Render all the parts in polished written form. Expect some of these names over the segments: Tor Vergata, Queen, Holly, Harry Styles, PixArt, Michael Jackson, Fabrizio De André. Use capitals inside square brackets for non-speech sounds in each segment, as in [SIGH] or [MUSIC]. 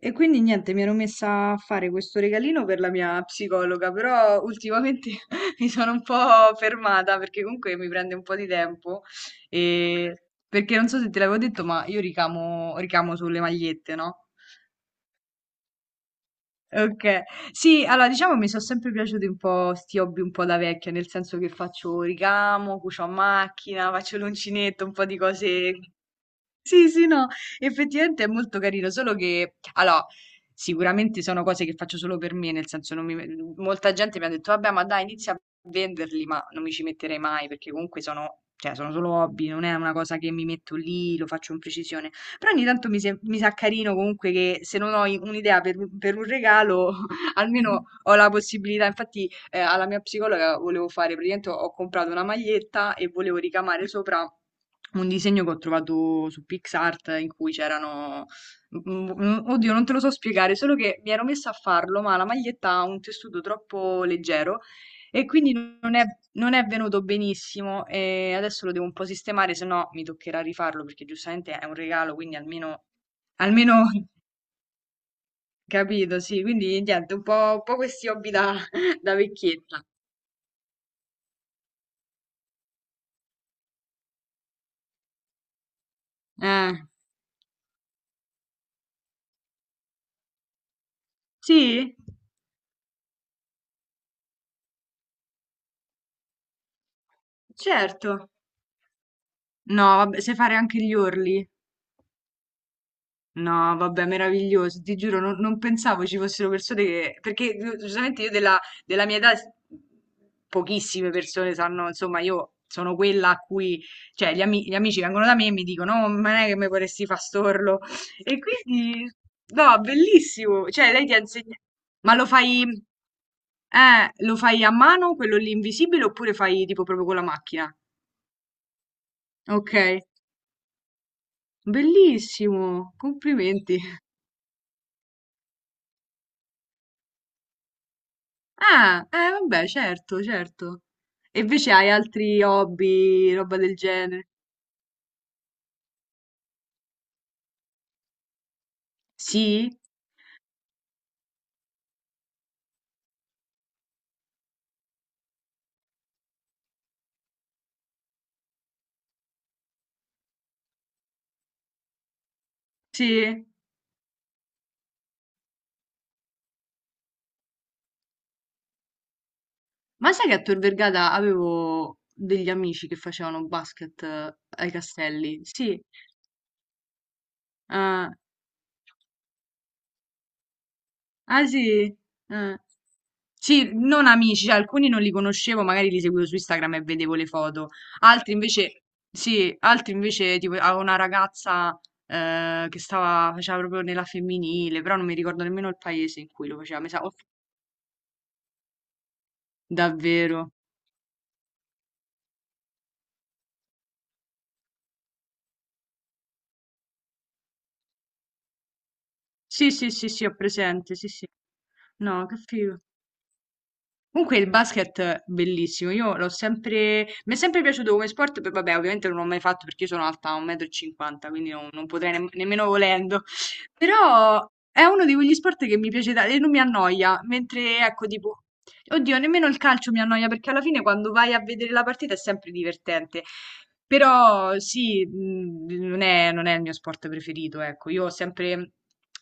E quindi niente, mi ero messa a fare questo regalino per la mia psicologa, però ultimamente [LAUGHS] mi sono un po' fermata perché comunque mi prende un po' di tempo. E perché non so se te l'avevo detto, ma io ricamo sulle magliette, no? Ok. Sì, allora diciamo mi sono sempre piaciuti un po' sti hobby un po' da vecchia, nel senso che faccio ricamo, cucio a macchina, faccio l'uncinetto, un po' di cose. Sì, sì, no, effettivamente è molto carino, solo che, allora, sicuramente sono cose che faccio solo per me, nel senso, non mi, molta gente mi ha detto, vabbè, ma dai, inizia a venderli, ma non mi ci metterei mai, perché comunque sono, cioè, sono solo hobby, non è una cosa che mi metto lì, lo faccio in precisione. Però ogni tanto mi sa carino comunque che se non ho un'idea per un regalo, [LAUGHS] almeno ho la possibilità. Infatti, alla mia psicologa volevo fare, praticamente ho comprato una maglietta e volevo ricamare sopra un disegno che ho trovato su PixArt in cui c'erano. Oddio, non te lo so spiegare, solo che mi ero messa a farlo, ma la maglietta ha un tessuto troppo leggero e quindi non è, non è venuto benissimo. E adesso lo devo un po' sistemare, se no mi toccherà rifarlo perché giustamente è un regalo, quindi almeno [LAUGHS] capito, sì, quindi niente, un po' questi hobby da, [LAUGHS] da vecchietta. Eh, sì, certo. No, vabbè, sai fare anche gli orli? No, vabbè, meraviglioso, ti giuro, non pensavo ci fossero persone che. Perché giustamente io della mia età pochissime persone sanno, insomma, io sono quella a cui. Cioè, gli amici vengono da me e mi dicono, no, ma non è che mi vorresti fa storlo. E quindi, no, bellissimo. Cioè, lei ti ha insegnato. Ma lo fai a mano, quello lì invisibile, oppure fai tipo proprio con la macchina? Ok, bellissimo, complimenti. Ah, vabbè, certo, certo. E invece hai altri hobby, roba del genere? Sì, sì. Ma sai che a Tor Vergata avevo degli amici che facevano basket ai castelli? Sì. Ah, ah, sì. Ah. Sì, non amici, cioè, alcuni non li conoscevo, magari li seguivo su Instagram e vedevo le foto. Altri invece, sì, altri invece, tipo, avevo una ragazza che stava, faceva proprio nella femminile, però non mi ricordo nemmeno il paese in cui lo faceva, mi sa, oh, davvero. Sì, sì, sì, sì, ho presente, sì, sì. No, che figo. Comunque il basket è bellissimo, io l'ho sempre, mi è sempre piaciuto come sport. Poi vabbè ovviamente non l'ho mai fatto perché io sono alta 1,50 m, quindi non potrei nemmeno volendo, però è uno di quegli sport che mi piace tanto e non mi annoia, mentre ecco tipo, oddio nemmeno il calcio mi annoia perché alla fine quando vai a vedere la partita è sempre divertente, però sì, non è il mio sport preferito, ecco. Io ho sempre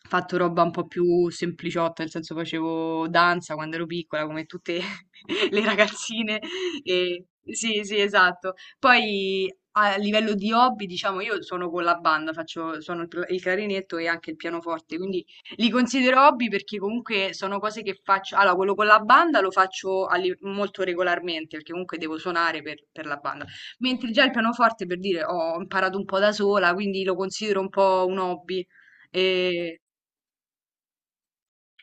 fatto roba un po' più sempliciotta, nel senso facevo danza quando ero piccola, come tutte [LAUGHS] le ragazzine. E sì, sì, esatto. Poi a livello di hobby, diciamo, io suono con la banda, faccio suono il pla il clarinetto e anche il pianoforte, quindi li considero hobby perché comunque sono cose che faccio. Allora quello con la banda lo faccio a li molto regolarmente, perché comunque devo suonare per la banda. Mentre già il pianoforte, per dire, ho imparato un po' da sola, quindi lo considero un po' un hobby. E,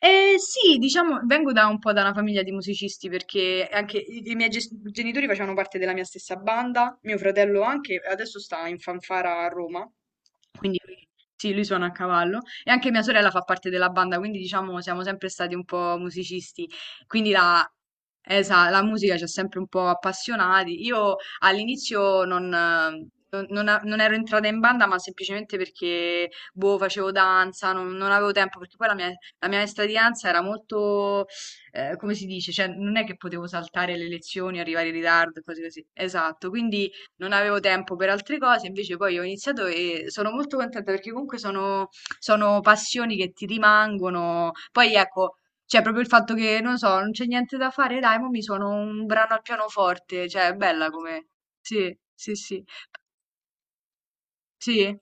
e sì, diciamo, vengo da un po' da una famiglia di musicisti perché anche i miei genitori facevano parte della mia stessa banda, mio fratello anche, adesso sta in fanfara a Roma. Quindi sì, lui suona a cavallo e anche mia sorella fa parte della banda, quindi diciamo siamo sempre stati un po' musicisti, quindi la musica ci ha sempre un po' appassionati. Io all'inizio non ero entrata in banda, ma semplicemente perché boh, facevo danza, non avevo tempo, perché poi la mia maestra di danza era molto, come si dice, cioè non è che potevo saltare le lezioni, arrivare in ritardo, cose così. Esatto, quindi non avevo tempo per altre cose, invece poi ho iniziato e sono molto contenta perché comunque sono passioni che ti rimangono. Poi ecco, c'è proprio il fatto che, non so, non c'è niente da fare, dai, mo mi suono un brano al pianoforte, cioè è bella come. Sì, sì, sì, sì,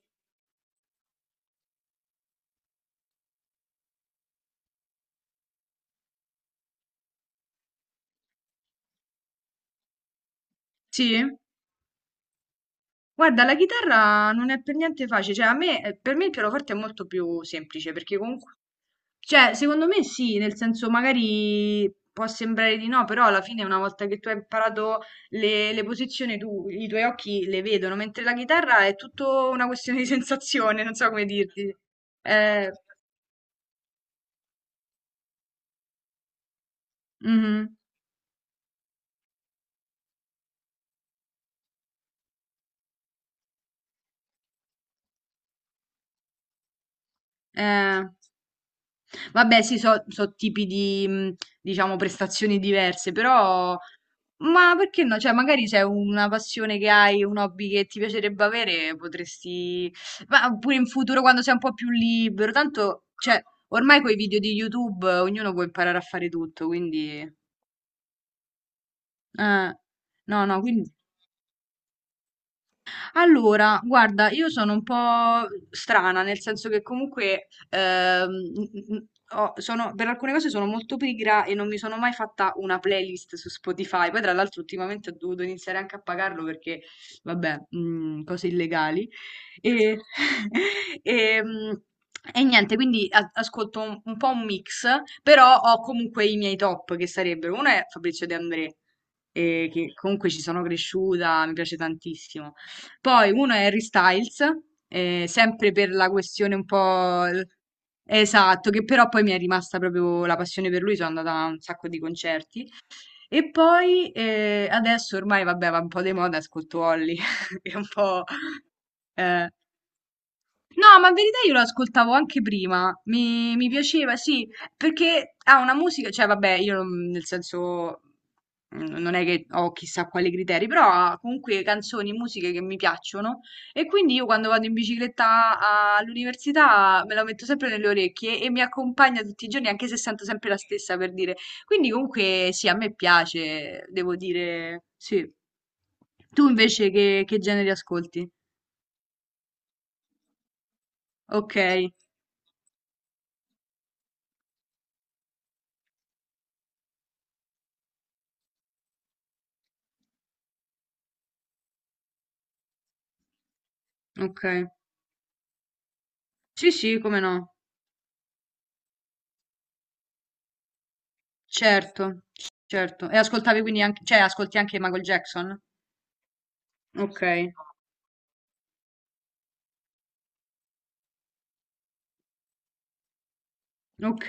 sì. Guarda, la chitarra non è per niente facile, cioè a me, per me il pianoforte è molto più semplice perché comunque. Cioè, secondo me sì, nel senso magari può sembrare di no, però alla fine una volta che tu hai imparato le posizioni, tu, i tuoi occhi le vedono, mentre la chitarra è tutto una questione di [LAUGHS] sensazione, non so come dirti. Eh, mhm, eh. Vabbè, sì, so tipi di, diciamo, prestazioni diverse, però ma perché no? Cioè, magari c'è una passione che hai, un hobby che ti piacerebbe avere, potresti. Ma pure in futuro, quando sei un po' più libero, tanto, cioè, ormai con i video di YouTube ognuno può imparare a fare tutto, quindi. eh, no, no, quindi. Allora, guarda, io sono un po' strana, nel senso che comunque per alcune cose sono molto pigra e non mi sono mai fatta una playlist su Spotify. Poi, tra l'altro, ultimamente ho dovuto iniziare anche a pagarlo perché, vabbè, cose illegali. E, [LAUGHS] e, mm, e niente, quindi ascolto un po' un mix, però ho comunque i miei top che sarebbero, uno è Fabrizio De André, che comunque ci sono cresciuta, mi piace tantissimo. Poi uno è Harry Styles, sempre per la questione un po'. Esatto, che però poi mi è rimasta proprio la passione per lui, sono andata a un sacco di concerti. E poi adesso ormai, vabbè, va un po' di moda, ascolto Holly, [LAUGHS] che è un po'. eh, No, ma in verità io lo ascoltavo anche prima, mi piaceva, sì, perché ha una musica, cioè vabbè, io non- nel senso non è che ho chissà quali criteri, però ha comunque canzoni, musiche che mi piacciono e quindi io quando vado in bicicletta all'università me la metto sempre nelle orecchie e mi accompagna tutti i giorni, anche se sento sempre la stessa per dire. Quindi comunque sì, a me piace, devo dire, sì. Tu invece che generi ascolti? Ok, ok. Sì, sì, come no. Certo, certo. E ascoltavi quindi anche, cioè ascolti anche Michael Jackson? Ok, ok.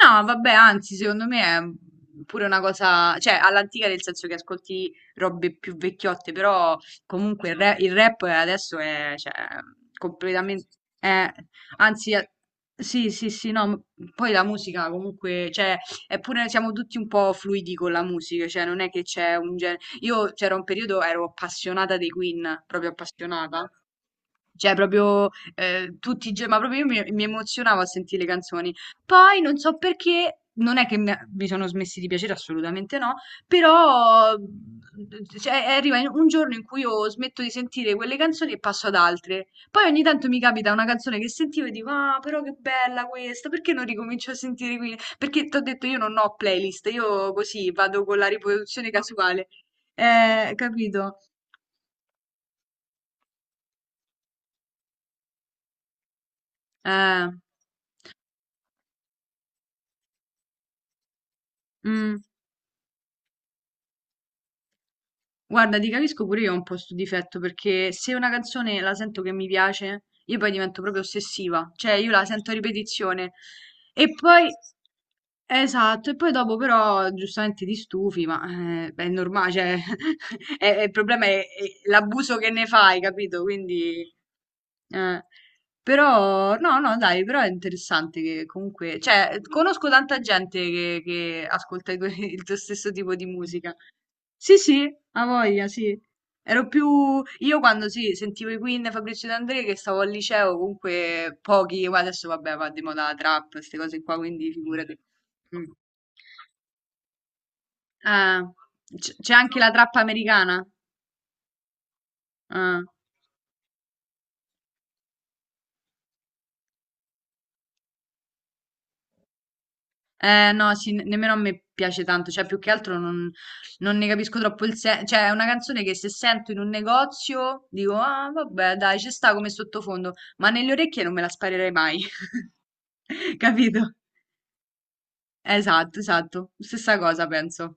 No, vabbè, anzi, secondo me è pure una cosa, cioè all'antica nel senso che ascolti robe più vecchiotte, però comunque il rap adesso è, cioè, completamente, è- anzi, sì, sì, sì, no, ma poi la musica comunque, cioè, è pure, siamo tutti un po' fluidi con la musica, cioè non è che c'è un genere, io c'era un periodo, ero appassionata dei Queen, proprio appassionata. Cioè, proprio tutti i giorni, ma proprio io mi emozionavo a sentire le canzoni. Poi non so perché, non è che mi sono smessi di piacere, assolutamente no, però cioè, arriva un giorno in cui io smetto di sentire quelle canzoni e passo ad altre. Poi ogni tanto mi capita una canzone che sentivo e dico, ah, però che bella questa, perché non ricomincio a sentire qui? Perché ti ho detto io non ho playlist, io così vado con la riproduzione casuale. Capito? Eh, mm. Guarda, ti capisco pure io ho un po' sto difetto perché se una canzone la sento che mi piace, io poi divento proprio ossessiva, cioè io la sento a ripetizione e poi esatto, e poi dopo però giustamente ti stufi, ma beh, è normale, cioè, [LAUGHS] il problema è l'abuso che ne fai, capito? Quindi, eh, però, no, no, dai, però è interessante che comunque, cioè, conosco tanta gente che ascolta [LAUGHS] il tuo stesso tipo di musica. Sì, sì, ha voglia, sì. Ero più. Io quando sì, sentivo i Queen, Fabrizio De André, che stavo al liceo, comunque pochi, ma adesso vabbè, va di moda la trap, queste cose qua, quindi figurati. Mm. Ah, c'è anche la trap americana? Ah. No, sì, nemmeno a me piace tanto, cioè più che altro non ne capisco troppo il senso, cioè è una canzone che se sento in un negozio dico, ah, vabbè, dai, ci sta come sottofondo, ma nelle orecchie non me la sparerei mai, [LAUGHS] capito? Esatto, esatto. Stessa cosa penso.